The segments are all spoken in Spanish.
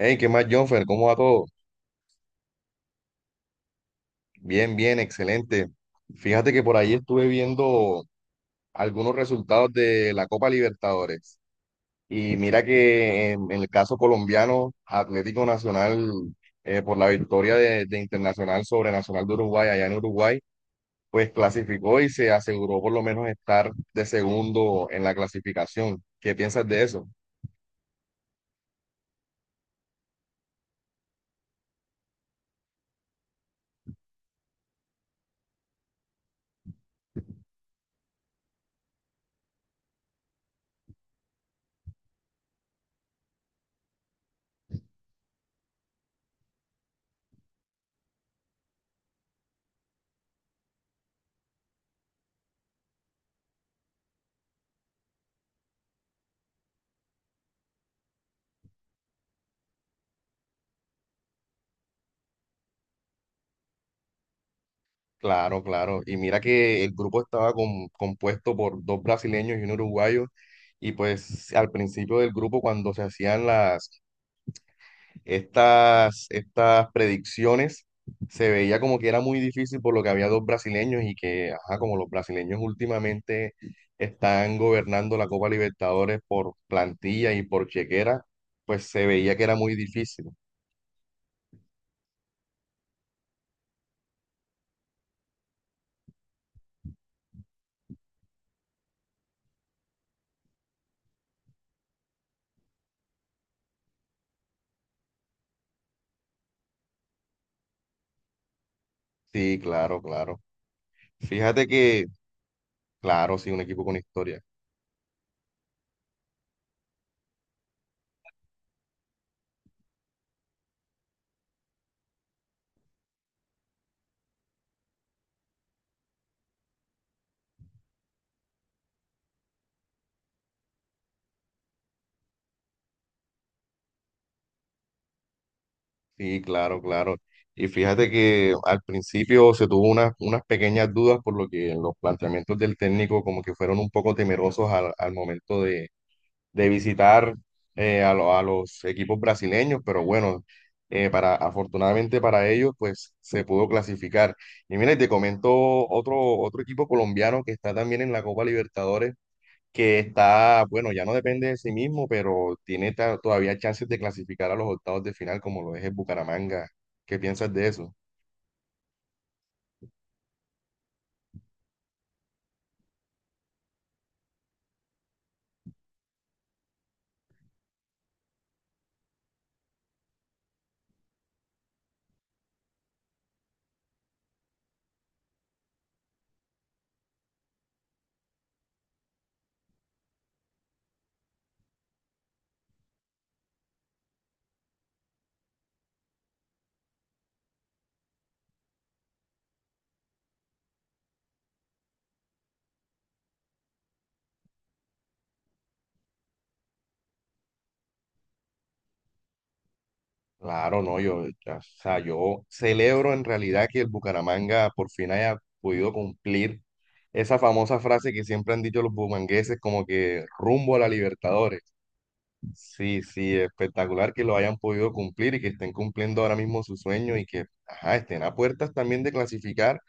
Hey, ¿qué más, Jonfer? ¿Cómo va todo? Bien, bien, excelente. Fíjate que por ahí estuve viendo algunos resultados de la Copa Libertadores. Y mira que en el caso colombiano, Atlético Nacional, por la victoria de Internacional sobre Nacional de Uruguay allá en Uruguay, pues clasificó y se aseguró por lo menos estar de segundo en la clasificación. ¿Qué piensas de eso? Claro, claro. Y mira que el grupo estaba compuesto por dos brasileños y un uruguayo. Y pues al principio del grupo, cuando se hacían estas predicciones, se veía como que era muy difícil por lo que había dos brasileños y que, ajá, como los brasileños últimamente están gobernando la Copa Libertadores por plantilla y por chequera, pues se veía que era muy difícil. Sí, claro, claro. Fíjate que, claro, sí, un equipo con historia. Sí, claro, claro. Y fíjate que al principio se tuvo unas pequeñas dudas por lo que los planteamientos del técnico como que fueron un poco temerosos al momento de visitar a los equipos brasileños, pero bueno, afortunadamente para ellos pues se pudo clasificar. Y mira, y te comento otro equipo colombiano que está también en la Copa Libertadores que está, bueno, ya no depende de sí mismo, pero tiene todavía chances de clasificar a los octavos de final, como lo es el Bucaramanga. ¿Qué piensas de eso? Claro, no, yo, o sea, yo celebro en realidad que el Bucaramanga por fin haya podido cumplir esa famosa frase que siempre han dicho los bumangueses, como que rumbo a la Libertadores. Sí, sí, espectacular que lo hayan podido cumplir y que estén cumpliendo ahora mismo su sueño y que, ajá, estén a puertas también de clasificar.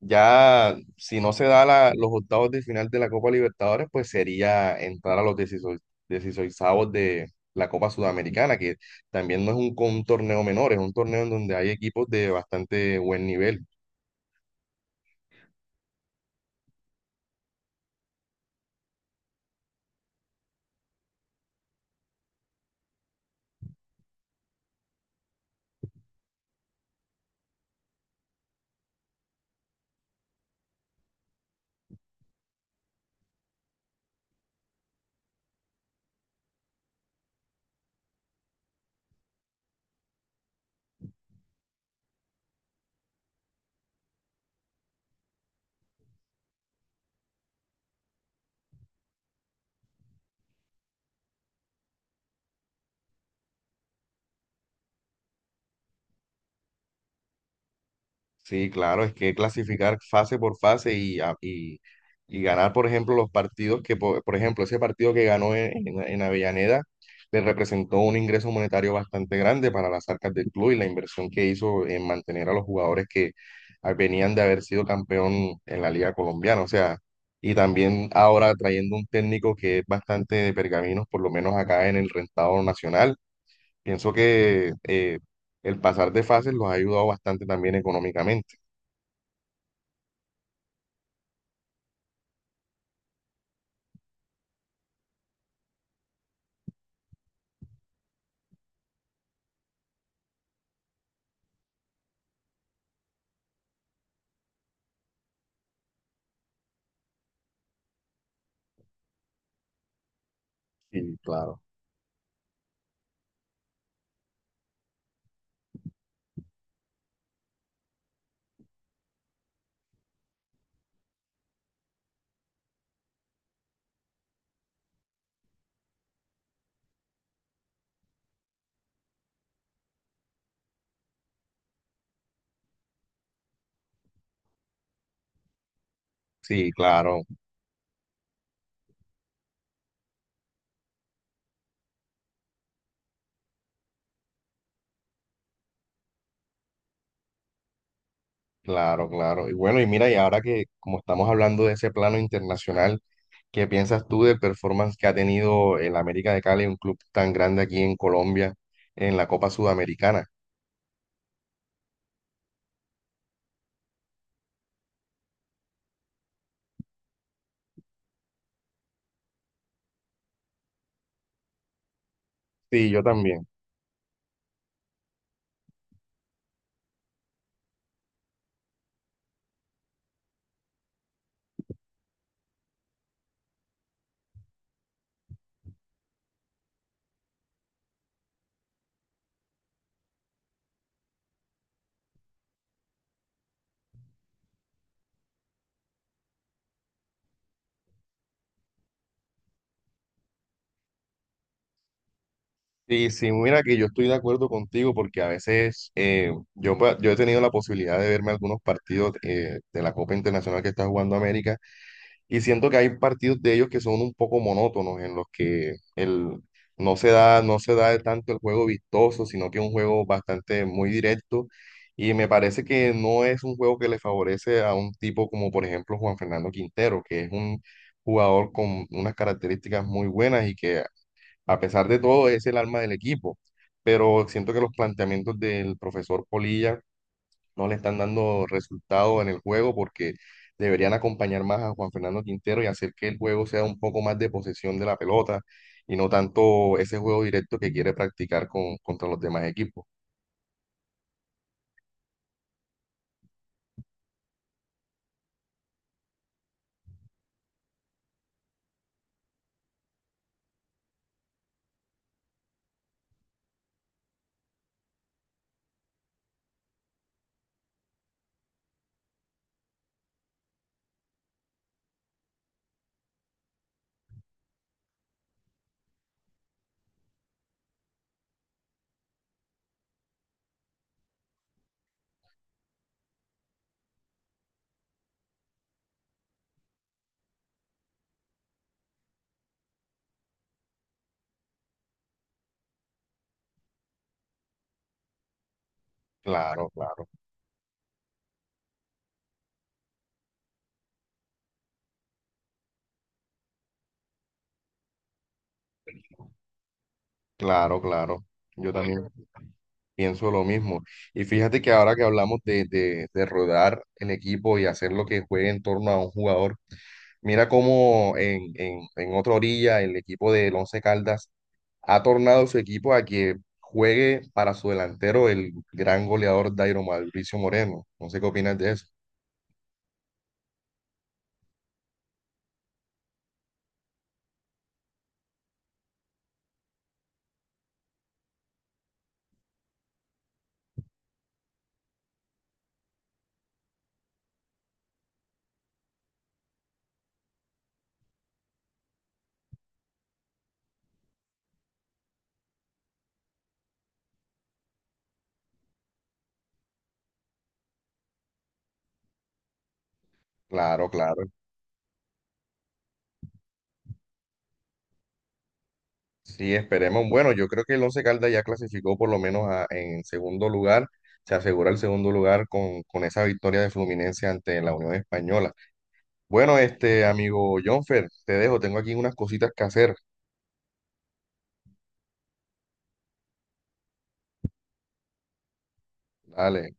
Ya, si no se da los octavos de final de la Copa Libertadores, pues sería entrar a los 16, 16 de la Copa Sudamericana, que también no es un torneo menor, es un torneo en donde hay equipos de bastante buen nivel. Sí, claro, es que clasificar fase por fase y, y ganar, por ejemplo, los partidos que, ejemplo, ese partido que ganó en Avellaneda le representó un ingreso monetario bastante grande para las arcas del club y la inversión que hizo en mantener a los jugadores que ah, venían de haber sido campeón en la Liga Colombiana. O sea, y también ahora trayendo un técnico que es bastante de pergaminos, por lo menos acá en el rentado nacional. Pienso que el pasar de fases los ha ayudado bastante también económicamente. Sí, claro. Sí, claro, claro, claro. Y bueno, y mira, y ahora que como estamos hablando de ese plano internacional, ¿qué piensas tú del performance que ha tenido el América de Cali, un club tan grande aquí en Colombia, en la Copa Sudamericana? Sí, yo también. Sí, sí, mira que yo estoy de acuerdo contigo porque a veces yo he tenido la posibilidad de verme algunos partidos de la Copa Internacional que está jugando América. Y siento que hay partidos de ellos que son un poco monótonos, en los que no se da tanto el juego vistoso, sino que es un juego bastante muy directo. Y me parece que no es un juego que le favorece a un tipo como, por ejemplo, Juan Fernando Quintero, que es un jugador con unas características muy buenas y que, a pesar de todo, es el alma del equipo. Pero siento que los planteamientos del profesor Polilla no le están dando resultado en el juego porque deberían acompañar más a Juan Fernando Quintero y hacer que el juego sea un poco más de posesión de la pelota y no tanto ese juego directo que quiere practicar contra los demás equipos. Claro, claro, claro, claro. Yo también pienso lo mismo. Y fíjate que ahora que hablamos de rodar el equipo y hacer lo que juegue en torno a un jugador, mira cómo en otra orilla el equipo del Once Caldas ha tornado su equipo a que juegue para su delantero el gran goleador Dairo Mauricio Moreno. No sé qué opinas de eso. Claro, claro. Sí, esperemos. Bueno, yo creo que el Once Caldas ya clasificó por lo menos en segundo lugar. Se asegura el segundo lugar con esa victoria de Fluminense ante la Unión Española. Bueno, este amigo Jonfer, te dejo. Tengo aquí unas cositas que hacer. Dale.